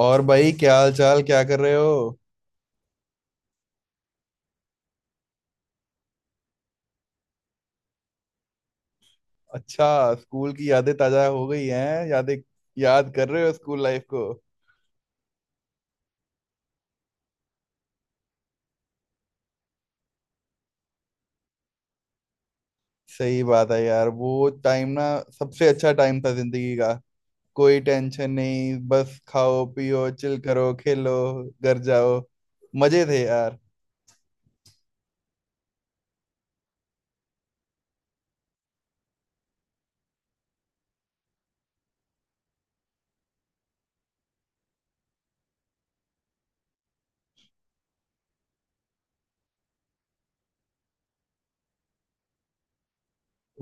और भाई क्या हाल चाल, क्या कर रहे हो। अच्छा। स्कूल की यादें ताजा हो गई हैं, यादें याद कर रहे हो स्कूल लाइफ को। सही बात है यार, वो टाइम ना सबसे अच्छा टाइम था जिंदगी का। कोई टेंशन नहीं, बस खाओ पियो चिल करो खेलो घर जाओ। मजे थे यार।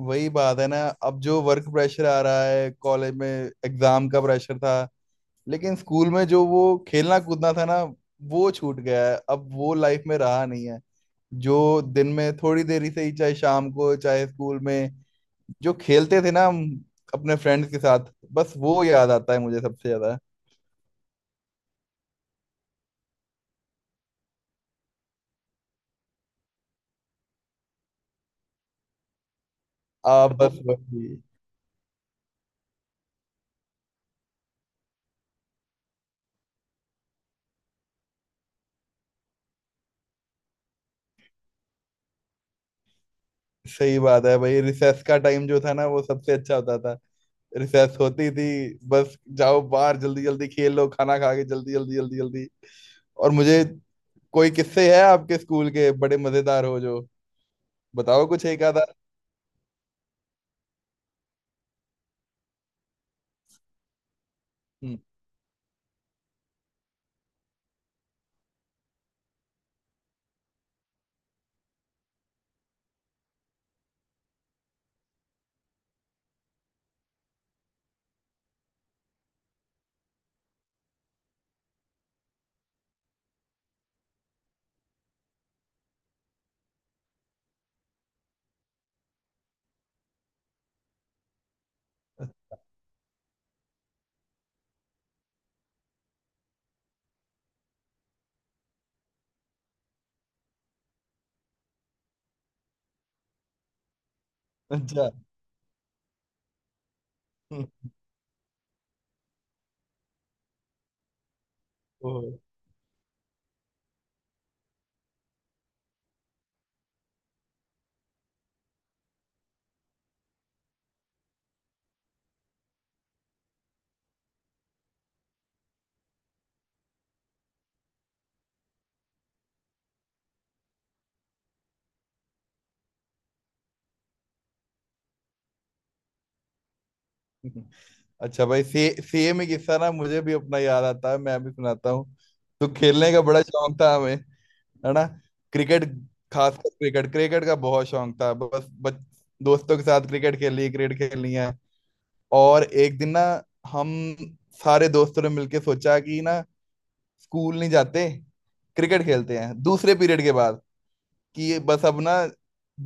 वही बात है ना, अब जो वर्क प्रेशर आ रहा है कॉलेज में, एग्जाम का प्रेशर था, लेकिन स्कूल में जो वो खेलना कूदना था ना, वो छूट गया है, अब वो लाइफ में रहा नहीं है। जो दिन में थोड़ी देरी से ही, चाहे शाम को चाहे स्कूल में, जो खेलते थे ना हम अपने फ्रेंड्स के साथ, बस वो याद आता है मुझे सबसे ज्यादा। आप बस वही। सही बात है भाई, रिसेस का टाइम जो था ना वो सबसे अच्छा होता था। रिसेस होती थी, बस जाओ बाहर जल्दी जल्दी खेल लो, खाना खा के जल्दी जल्दी जल्दी जल्दी। और मुझे, कोई किस्से है आपके स्कूल के बड़े मजेदार हो जो, बताओ कुछ एक आधा। हम्म। अच्छा। हम्म। ओह। हम्म। अच्छा भाई, सेम ही किस्सा ना, मुझे भी अपना याद आता है, मैं भी सुनाता हूँ। तो खेलने का बड़ा शौक था हमें, है ना, क्रिकेट। खासकर क्रिकेट, क्रिकेट का बहुत शौक था। दोस्तों के साथ क्रिकेट खेली, क्रिकेट खेलनी है। और एक दिन ना, हम सारे दोस्तों ने मिलके सोचा कि ना, स्कूल नहीं जाते, क्रिकेट खेलते हैं दूसरे पीरियड के बाद। कि ये बस अब ना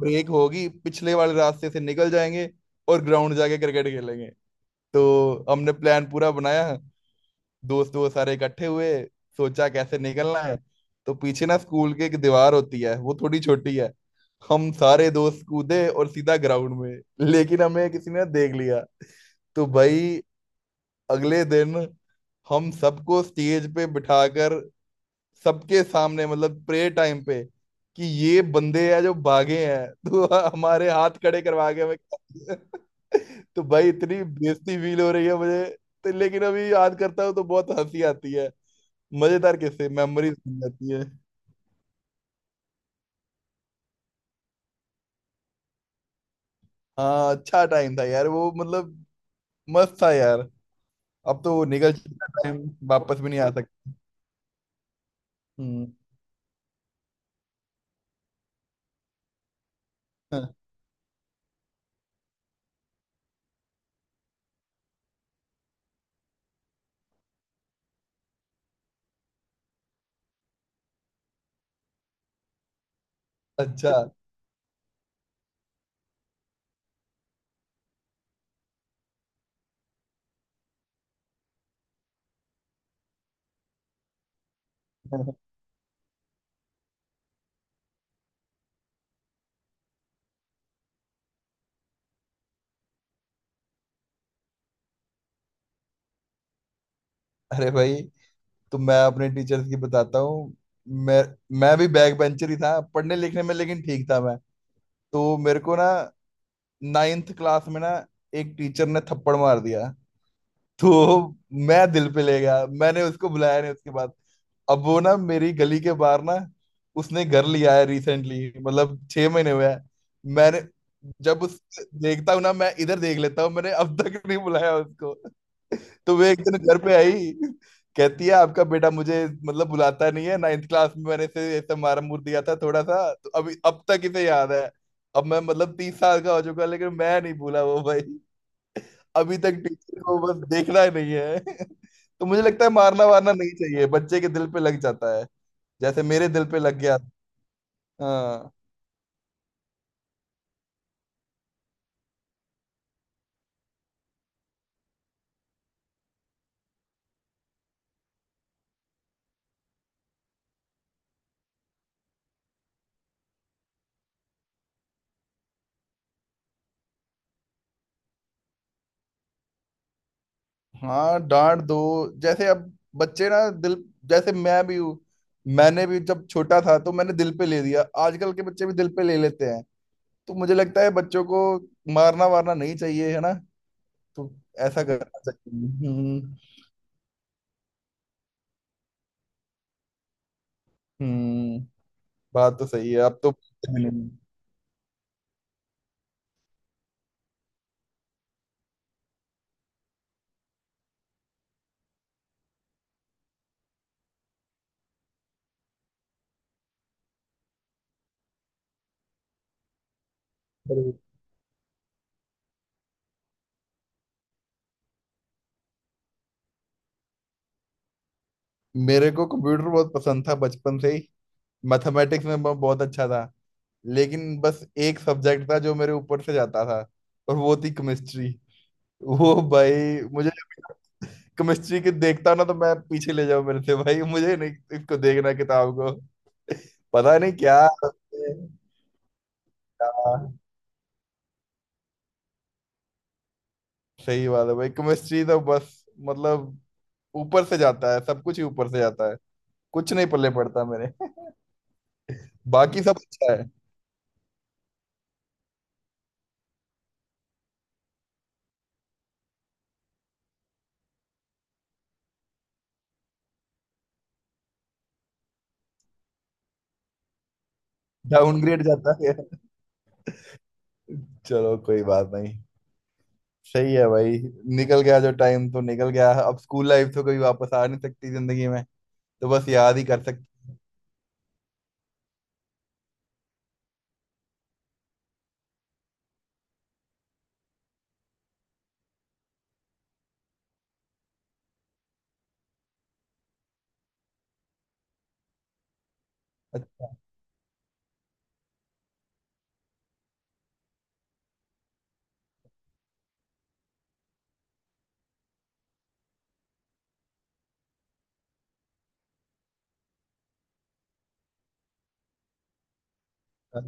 ब्रेक होगी, पिछले वाले रास्ते से निकल जाएंगे और ग्राउंड जाके क्रिकेट खेलेंगे। तो हमने प्लान पूरा बनाया, दोस्त वो सारे इकट्ठे हुए, सोचा कैसे निकलना है। तो पीछे ना स्कूल के एक दीवार होती है, वो थोड़ी छोटी है। हम सारे दोस्त कूदे और सीधा ग्राउंड में। लेकिन हमें किसी ने देख लिया। तो भाई, अगले दिन हम सबको स्टेज पे बिठाकर, सबके सामने, मतलब प्रे टाइम पे, कि ये बंदे हैं जो भागे हैं, तो हमारे हाथ खड़े करवा के हमें, तो भाई इतनी बेइज्जती फील हो रही है मुझे। तो लेकिन अभी याद करता हूँ तो बहुत हंसी आती है। मजेदार किस्से, मेमोरीज बन जाती है। हाँ, अच्छा टाइम था यार वो, मतलब मस्त था यार। अब तो वो निकल चुका टाइम, वापस भी नहीं आ सकता। हम्म। अच्छा। अरे भाई, तो मैं अपने टीचर्स की बताता हूँ। मैं मैं भी बैक बेंचर ही था पढ़ने लिखने में, लेकिन ठीक था मैं। तो मेरे को ना, नाइन्थ क्लास में ना, एक टीचर ने थप्पड़ मार दिया। तो मैं दिल पे ले गया, मैंने उसको बुलाया नहीं उसके बाद। अब वो ना मेरी गली के बाहर ना, उसने घर लिया है रिसेंटली, मतलब 6 महीने हुए हैं। मैंने जब उस देखता हूँ ना, मैं इधर देख लेता हूँ, मैंने अब तक नहीं बुलाया उसको। तो वे एक दिन घर पे आई, कहती है आपका बेटा मुझे मतलब बुलाता नहीं है। नाइन्थ क्लास में मैंने इसे ऐसा मारा मुर दिया था थोड़ा सा, तो अभी अब तक इसे याद है। अब मैं मतलब 30 साल का हो चुका, लेकिन मैं नहीं भूला वो भाई। अभी तक टीचर को बस देखना ही नहीं है। तो मुझे लगता है मारना वारना नहीं चाहिए, बच्चे के दिल पे लग जाता है। जैसे मेरे दिल पे लग गया। हाँ। हाँ डांट दो। जैसे अब बच्चे ना दिल, जैसे मैं भी हूँ, मैंने भी जब छोटा था तो मैंने दिल पे ले लिया, आजकल के बच्चे भी दिल पे ले लेते हैं। तो मुझे लगता है बच्चों को मारना वारना नहीं चाहिए, है ना। तो ऐसा करना चाहिए। हम्म। हम्म, बात तो सही है अब तो। नहीं। मेरे को कंप्यूटर बहुत पसंद था बचपन से ही। मैथमेटिक्स में मैं बहुत अच्छा था। लेकिन बस एक सब्जेक्ट था जो मेरे ऊपर से जाता था, और वो थी केमिस्ट्री। वो भाई मुझे, केमिस्ट्री के देखता हूं ना तो मैं पीछे ले जाऊं। मेरे से भाई मुझे नहीं, इसको देखना, किताब को। पता नहीं क्या क्या। सही बात है भाई, केमिस्ट्री तो बस, मतलब ऊपर से जाता है, सब कुछ ही ऊपर से जाता है। कुछ नहीं पल्ले पड़ता मेरे। बाकी सब अच्छा है। डाउनग्रेड जाता है। चलो कोई बात नहीं, सही है भाई। निकल गया जो टाइम तो निकल गया, अब स्कूल लाइफ तो कभी वापस आ नहीं सकती जिंदगी में। तो बस याद ही कर सकते हैं। अच्छा। अच्छा।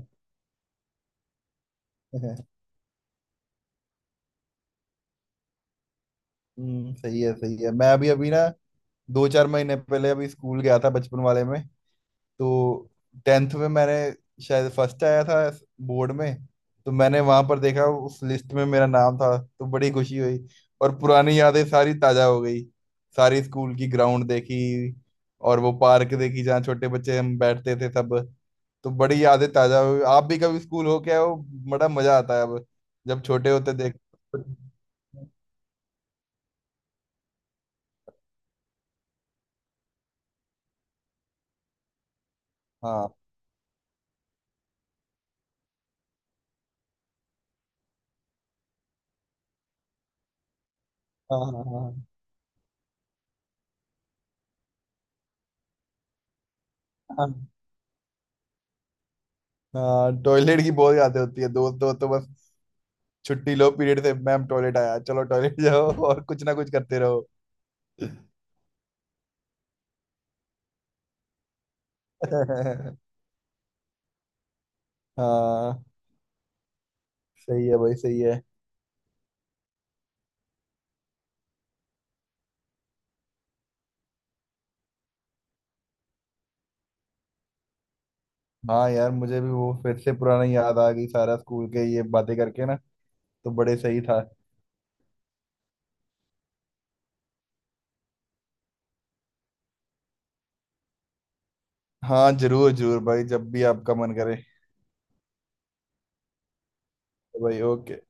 हम्म, सही है। मैं अभी अभी ना, दो चार महीने पहले अभी स्कूल गया था बचपन वाले में। तो टेंथ में मैंने शायद फर्स्ट आया था बोर्ड में। तो मैंने वहां पर देखा उस लिस्ट में, मेरा नाम था, तो बड़ी खुशी हुई। और पुरानी यादें सारी ताजा हो गई, सारी स्कूल की ग्राउंड देखी, और वो पार्क देखी जहाँ छोटे बच्चे हम बैठते थे सब। तो बड़ी यादें ताजा हुई। आप भी कभी स्कूल हो के आए हो? बड़ा मजा आता है, अब जब छोटे होते देख। हाँ हाँ हाँ हाँ। हाँ, टॉयलेट की बहुत यादें होती है, दोस्त हो तो बस छुट्टी लो पीरियड से, मैम टॉयलेट आया चलो टॉयलेट जाओ, और कुछ ना कुछ करते रहो। हाँ, सही है भाई सही है। हाँ यार, मुझे भी वो फिर से पुराना याद आ गई, सारा स्कूल के ये बातें करके ना, तो बड़े सही था। हाँ जरूर जरूर भाई, जब भी आपका मन करे। तो भाई ओके।